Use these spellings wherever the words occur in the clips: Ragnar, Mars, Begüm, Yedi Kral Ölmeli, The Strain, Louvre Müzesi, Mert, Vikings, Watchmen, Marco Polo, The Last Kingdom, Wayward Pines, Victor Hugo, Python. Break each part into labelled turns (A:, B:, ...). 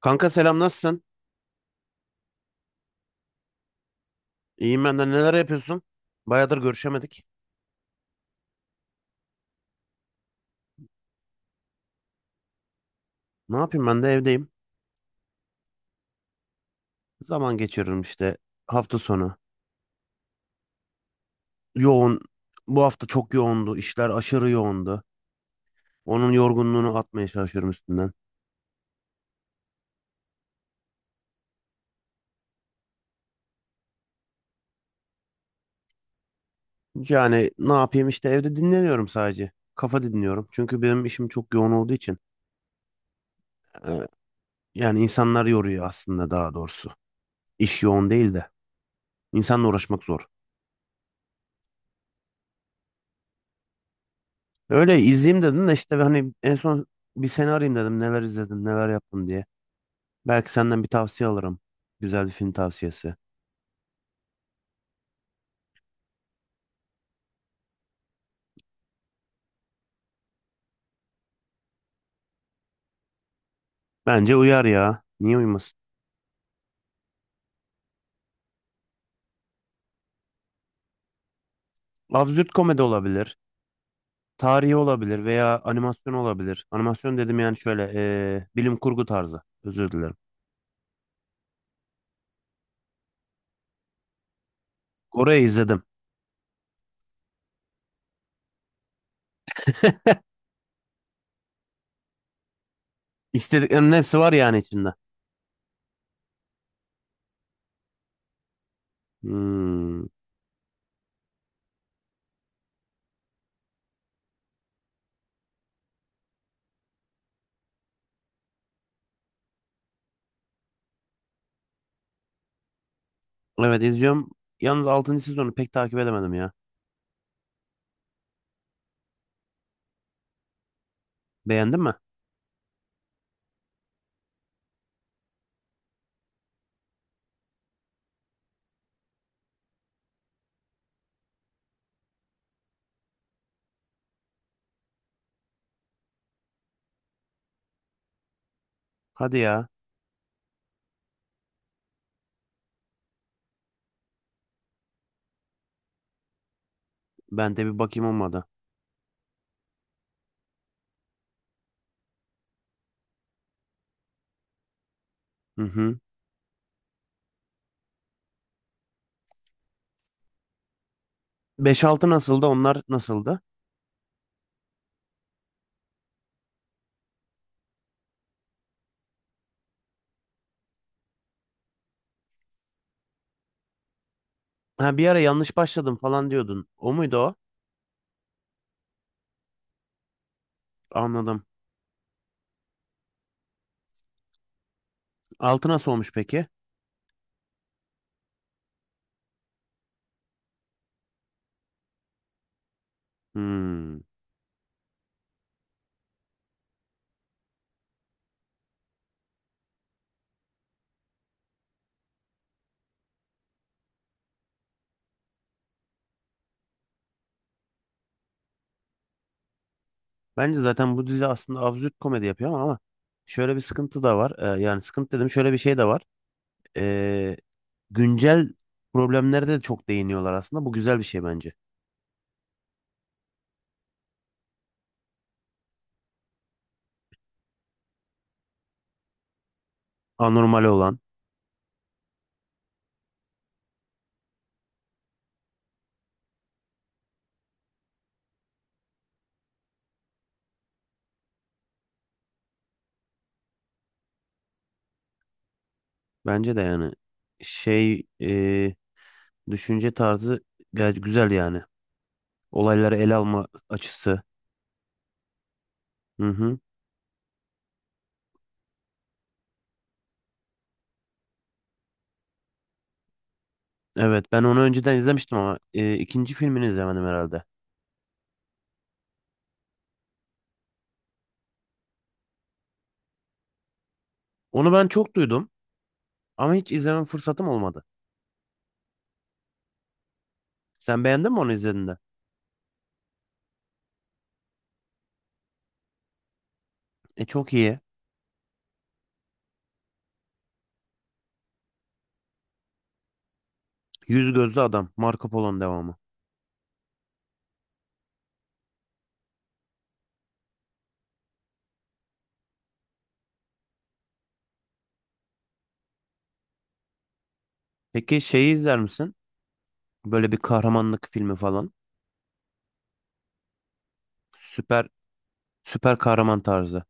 A: Kanka selam nasılsın? İyiyim ben de. Neler yapıyorsun? Bayağıdır görüşemedik. Ne yapayım ben de evdeyim. Zaman geçiririm işte hafta sonu. Yoğun. Bu hafta çok yoğundu. İşler aşırı yoğundu. Onun yorgunluğunu atmaya çalışıyorum üstünden. Yani ne yapayım işte evde dinleniyorum sadece. Kafa dinliyorum. Çünkü benim işim çok yoğun olduğu için. e, Yani insanlar yoruyor aslında daha doğrusu. İş yoğun değil de. İnsanla uğraşmak zor. Öyle izleyeyim dedim de işte hani en son bir seni arayayım dedim. Neler izledim neler yaptım diye. Belki senden bir tavsiye alırım. Güzel bir film tavsiyesi. Bence uyar ya. Niye uymasın? Absürt komedi olabilir. Tarihi olabilir veya animasyon olabilir. Animasyon dedim yani şöyle bilim kurgu tarzı. Özür dilerim. Kore'yi izledim. İstediklerimin hepsi var yani içinde. Hmm. Evet izliyorum. Yalnız 6. sezonu pek takip edemedim ya. Beğendin mi? Hadi ya. Ben de bir bakayım olmadı. Hı hı. 5-6 nasıldı? Onlar nasıldı? Ha bir ara yanlış başladım falan diyordun. O muydu o? Anladım. Altı nasıl olmuş peki? Hmm. Bence zaten bu dizi aslında absürt komedi yapıyor ama şöyle bir sıkıntı da var. Yani sıkıntı dedim şöyle bir şey de var. Ee, Güncel problemlere de çok değiniyorlar aslında. Bu güzel bir şey bence. Anormal olan. Bence de yani şey e, düşünce tarzı gayet güzel yani. Olayları ele alma açısı. Hı hı. Evet ben onu önceden izlemiştim ama ikinci filmini izlemedim herhalde. Onu ben çok duydum ama hiç izleme fırsatım olmadı. Sen beğendin mi onu izlediğinde? E çok iyi. Yüz Gözlü Adam. Marco Polo'nun devamı. Peki şeyi izler misin? Böyle bir kahramanlık filmi falan. Süper süper kahraman tarzı.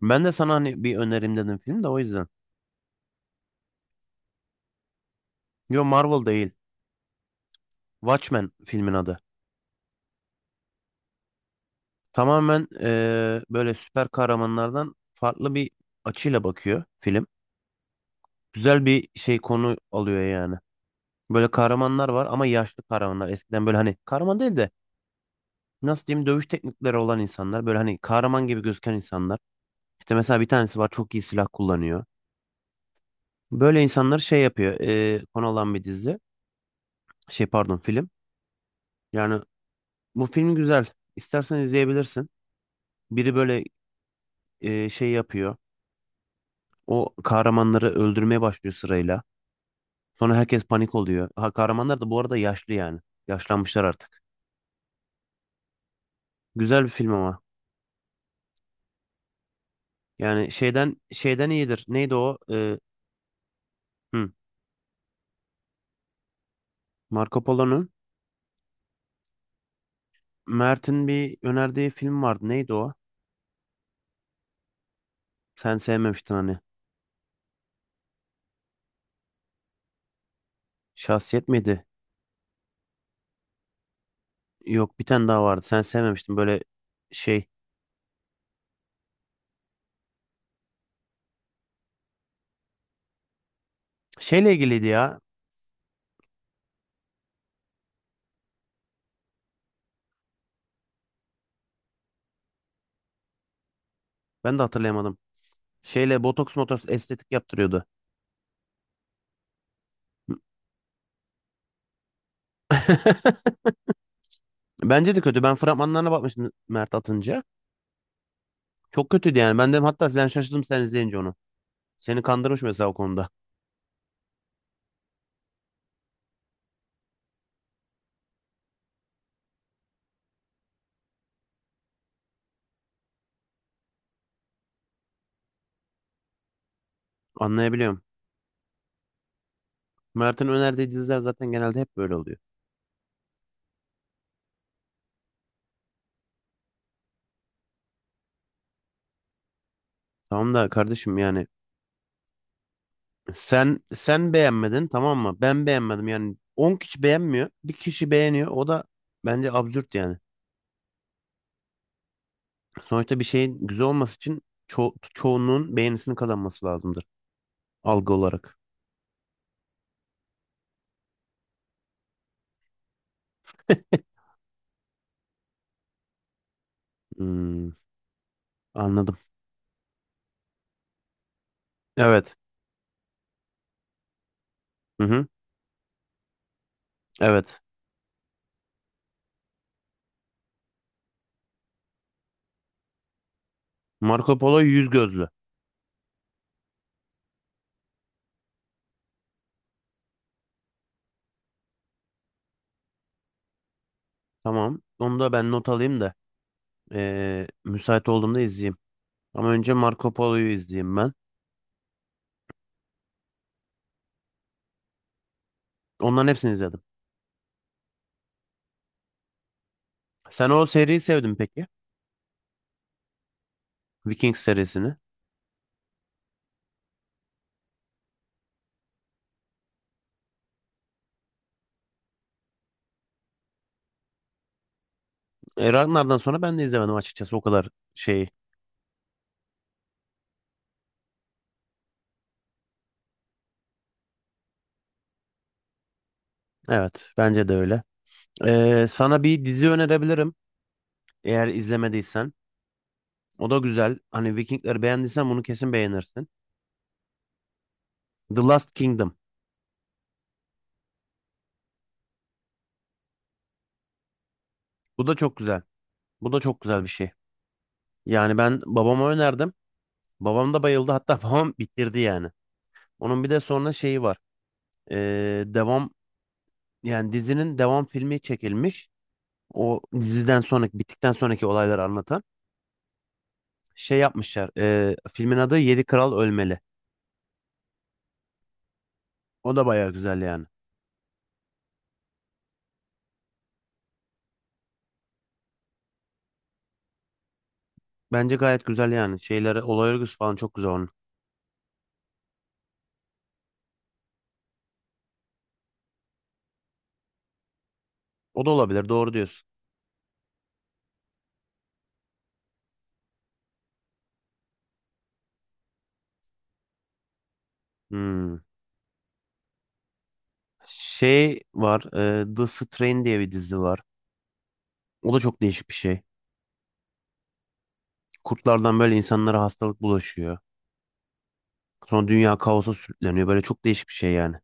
A: Ben de sana hani bir önerim dedim film de o yüzden. Yo Marvel değil. Watchmen filmin adı. Tamamen böyle süper kahramanlardan farklı bir açıyla bakıyor film. Güzel bir şey konu alıyor yani. Böyle kahramanlar var ama yaşlı kahramanlar. Eskiden böyle hani kahraman değil de nasıl diyeyim dövüş teknikleri olan insanlar böyle hani kahraman gibi gözüken insanlar. İşte mesela bir tanesi var çok iyi silah kullanıyor. Böyle insanlar şey yapıyor. Konu olan bir dizi. Şey pardon film. Yani bu film güzel. İstersen izleyebilirsin. Biri böyle şey yapıyor. O kahramanları öldürmeye başlıyor sırayla. Sonra herkes panik oluyor. Ha, kahramanlar da bu arada yaşlı yani. Yaşlanmışlar artık. Güzel bir film ama. Yani şeyden iyidir. Neydi o? Hı, Marco Polo'nun Mert'in bir önerdiği film vardı. Neydi o? Sen sevmemiştin hani. Şahsiyet miydi? Yok bir tane daha vardı. Sen sevmemiştin böyle şey. Şeyle ilgiliydi ya. Ben de hatırlayamadım. Şeyle botoks motoks estetik yaptırıyordu. Bence de kötü. Ben fragmanlarına bakmıştım Mert atınca. Çok kötüydü yani. Ben de hatta ben şaşırdım sen izleyince onu. Seni kandırmış mesela o konuda. Anlayabiliyorum. Mert'in önerdiği diziler zaten genelde hep böyle oluyor. Tamam da kardeşim yani sen beğenmedin tamam mı? Ben beğenmedim yani 10 kişi beğenmiyor. Bir kişi beğeniyor. O da bence absürt yani. Sonuçta bir şeyin güzel olması için çoğunluğun beğenisini kazanması lazımdır algı olarak. Hmm, anladım. Evet. Hı hı. Evet. Marco Polo yüz gözlü. Tamam. Onu da ben not alayım da müsait olduğumda izleyeyim. Ama önce Marco Polo'yu izleyeyim ben. Onların hepsini izledim. Sen o seriyi sevdin peki? Vikings serisini. Ragnar'dan sonra ben de izlemedim açıkçası o kadar şeyi. Evet, bence de öyle. Sana bir dizi önerebilirim eğer izlemediysen. O da güzel. Hani Vikingleri beğendiysen bunu kesin beğenirsin. The Last Kingdom. Bu da çok güzel. Bu da çok güzel bir şey. Yani ben babama önerdim. Babam da bayıldı. Hatta babam bitirdi yani. Onun bir de sonra şeyi var. E, Devam yani dizinin devam filmi çekilmiş. O diziden sonraki bittikten sonraki olayları anlatan şey yapmışlar. Filmin adı Yedi Kral Ölmeli. O da bayağı güzel yani. Bence gayet güzel yani. Şeyleri, olay örgüsü falan çok güzel onun. O da olabilir. Doğru diyorsun. Hmm. Şey var. The Strain diye bir dizi var. O da çok değişik bir şey. Kurtlardan böyle insanlara hastalık bulaşıyor. Sonra dünya kaosa sürükleniyor. Böyle çok değişik bir şey yani.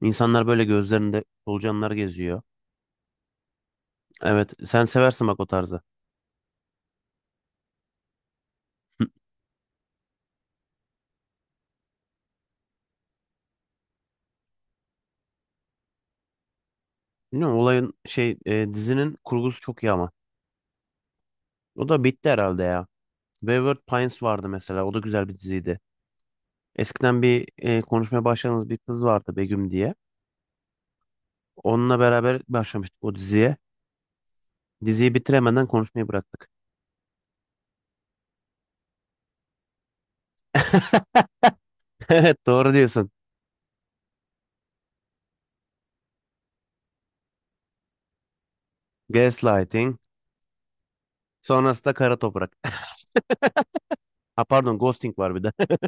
A: İnsanlar böyle gözlerinde solucanlar geziyor. Evet, sen seversin bak o tarzı. Hı. Bilmiyorum olayın dizinin kurgusu çok iyi ama. O da bitti herhalde ya. Wayward Pines vardı mesela. O da güzel bir diziydi. Eskiden bir konuşmaya başladığımız bir kız vardı Begüm diye. Onunla beraber başlamıştık o diziye. Diziyi bitiremeden konuşmayı bıraktık. Evet doğru diyorsun. Gaslighting. Sonrasında kara toprak. Ha pardon ghosting var bir de.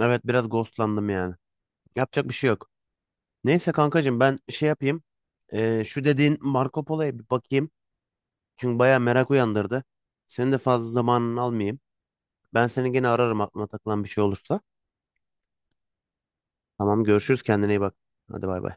A: Evet biraz ghostlandım yani. Yapacak bir şey yok. Neyse kankacığım ben şey yapayım. Şu dediğin Marco Polo'ya bir bakayım. Çünkü bayağı merak uyandırdı. Senin de fazla zamanını almayayım. Ben seni gene ararım aklıma takılan bir şey olursa. Tamam görüşürüz kendine iyi bak. Hadi bay bay.